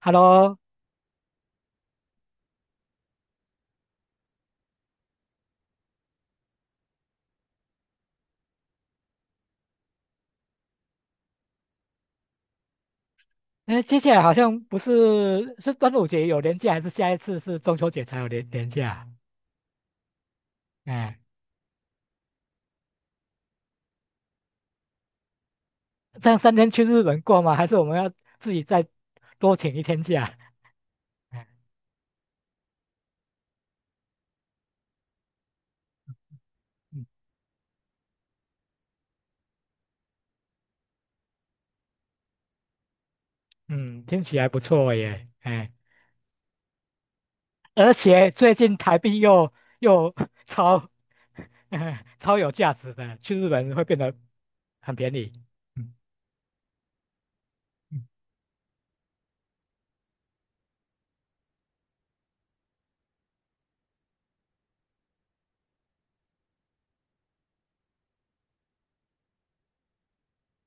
Hello。接下来好像不是是端午节有年假，还是下一次是中秋节才有年假啊？哎，这样三天去日本过吗？还是我们要自己再多请一天假？哎嗯，嗯听起来不错耶。而且最近台币又 超 超有价值的，去日本会变得很便宜。嗯嗯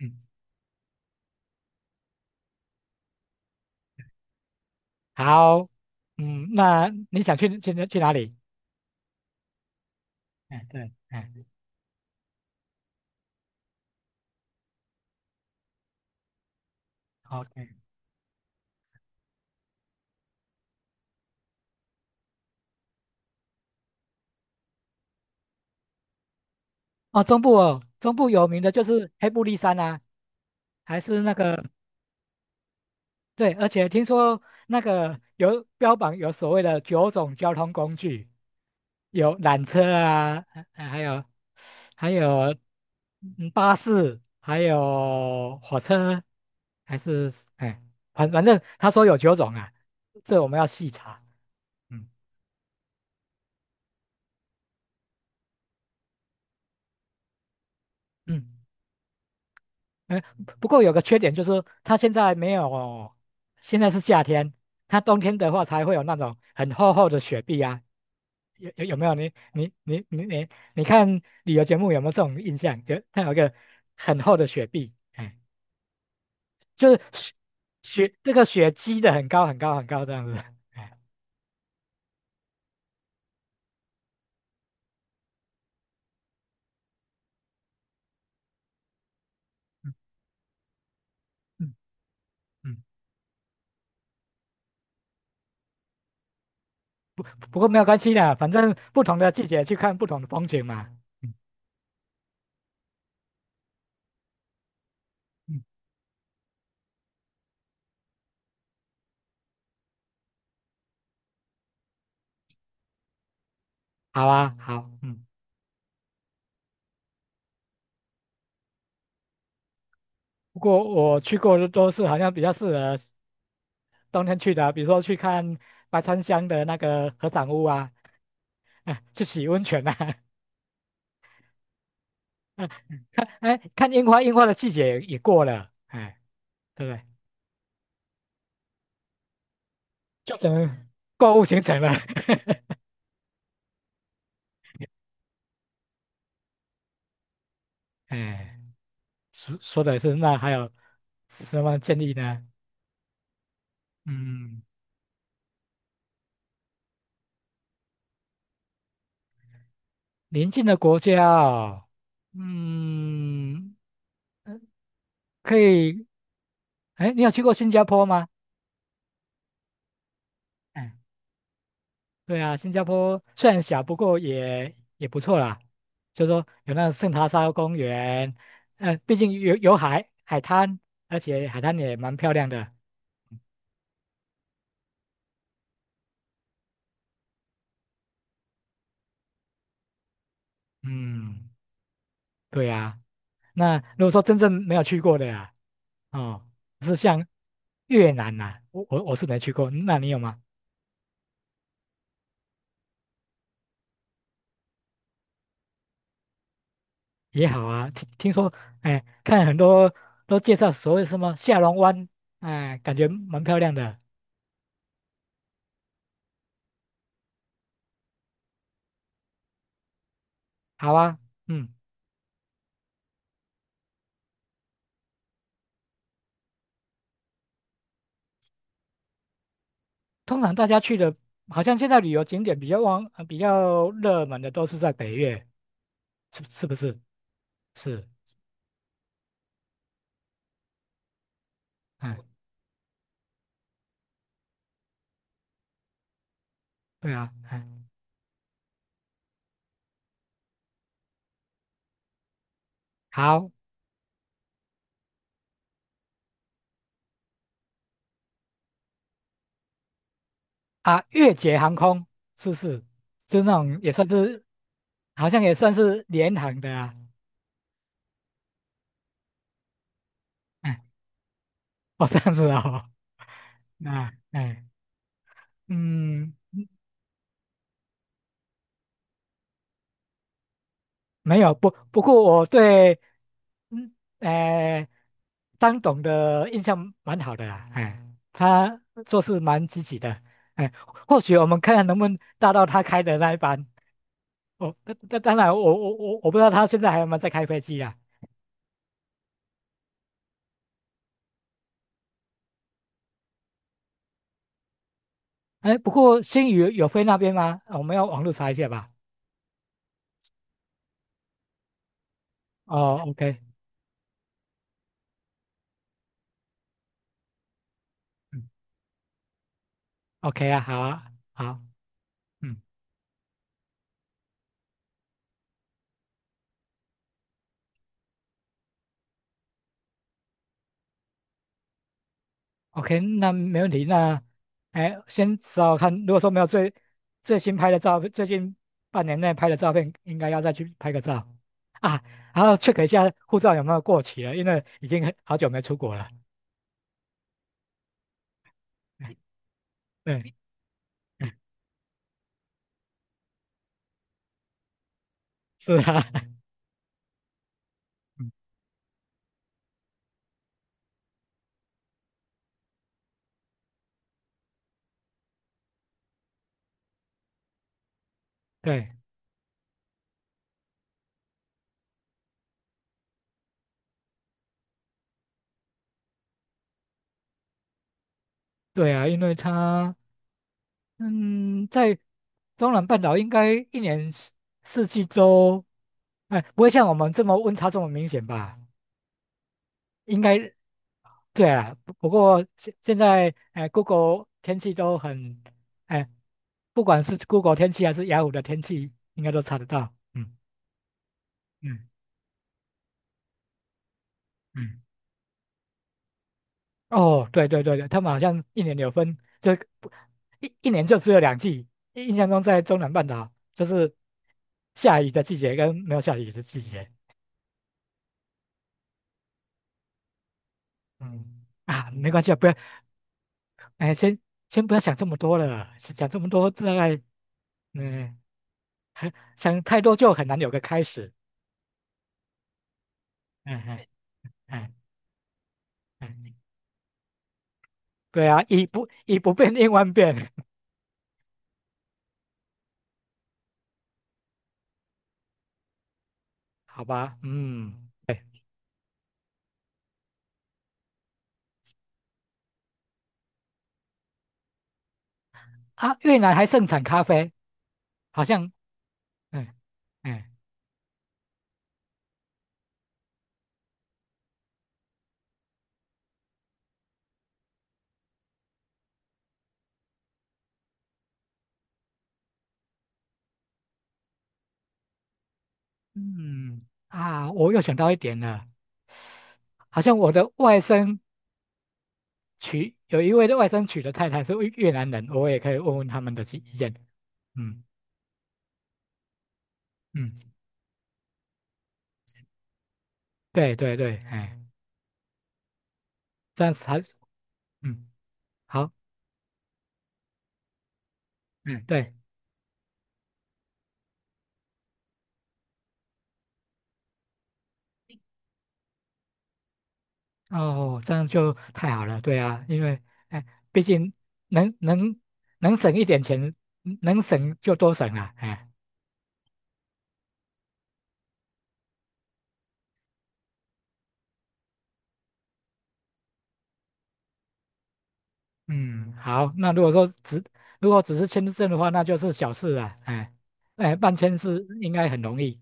嗯，好。嗯，那你想去哪里？哎，对。哎，好，OK。哦，中部哦，中部有名的就是黑布利山啊，还是那个对，而且听说那个有标榜有所谓的九种交通工具，有缆车啊，还有还有巴士，还有火车，还是反正他说有九种啊，这我们要细查。嗯嗯。哎，不过有个缺点就是，它现在没有，现在是夏天，它冬天的话才会有那种很厚厚的雪碧啊。有有有没有你你看旅游节目有没有这种印象？有，它有一个很厚的雪碧。哎，就是雪这个雪积的很高很高很高这样子。哎，嗯嗯嗯，不过没有关系的，反正不同的季节去看不同的风景嘛。嗯嗯，好啊，好，嗯。不过我去过的都是好像比较适合冬天去的，比如说去看白川乡的那个合掌屋啊，啊去洗温泉啊，啊看看樱花，樱花的季节也过了。哎，对不对？就整个购物行程了。哎，说说的是，那还有什么建议呢？嗯，邻近的国家哦。嗯，呃可以。哎，你有去过新加坡吗？哎，对啊，新加坡虽然小，不过也不错啦。就说有那个圣淘沙公园，嗯、毕竟有海海滩，而且海滩也蛮漂亮的。嗯，对呀、那如果说真正没有去过的呀、哦，是像越南呐、我是没去过，那你有吗？也好啊，听听说，哎，看很多都介绍所谓什么下龙湾，哎，感觉蛮漂亮的。好啊，嗯。通常大家去的，好像现在旅游景点比较旺、比较热门的都是在北越，是不是？是。哎，对啊，哎，好啊，越捷航空是不是？就那种也算是，好像也算是联航的啊。哎，哦，这样子啊哦。啊，哎，嗯，没有不过我对嗯呃张董的印象蛮好的啦。哎，他做事蛮积极的，哎，或许我们看看能不能搭到他开的那一班。哦，那那当然我，我不知道他现在还有没有在开飞机啊？哎，不过新宇有飞那边吗？哦，我们要网络查一下吧。哦，OK。嗯，OK 啊，好啊，好，嗯。OK,那没问题。那，哎，先找看，如果说没有最新拍的照片，最近半年内拍的照片，应该要再去拍个照啊，然后 check 一下护照有没有过期了，因为已经很好久没出国了。哎，对。哎，是啊。嗯，对。对啊，因为他嗯，在中南半岛应该一年四季都，哎，不会像我们这么温差这么明显吧？应该对啊，不不过现在，哎，Google 天气都很，哎，不管是 Google 天气还是雅虎的天气，应该都查得到。嗯嗯嗯。哦，对对对对，他们好像一年有分，就不一年就只有两季。印象中在中南半岛就是下雨的季节跟没有下雨的季节。嗯啊，没关系啊，不要，哎，先不要想这么多了，想这么多大概，嗯，很想太多就很难有个开始。嗯嗯。嗯 嗯，对啊，以不变应万变。好吧？嗯，对啊，越南还盛产咖啡，好像。嗯嗯。嗯啊，我又想到一点了，好像我的外甥娶，有一位的外甥娶的太太是越南人，我也可以问问他们的意见。嗯嗯，对对对。哎，这样才嗯好。嗯，对。哦，这样就太好了，对啊，因为哎，毕竟能能省一点钱，能省就多省了。哎，嗯，好，那如果说如果只是签证的话，那就是小事了。哎，哎，办签是应该很容易。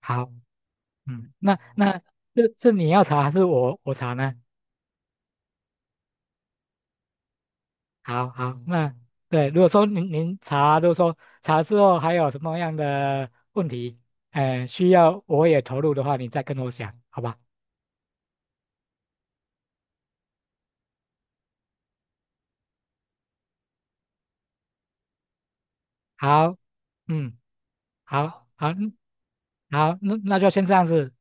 好，嗯，那那这是你要查还是我查呢？好好，那对，如果说您查，如果说查之后还有什么样的问题，哎，需要我也投入的话，你再跟我讲，好吧？好，嗯，好，好，嗯。好，那那就先这样子。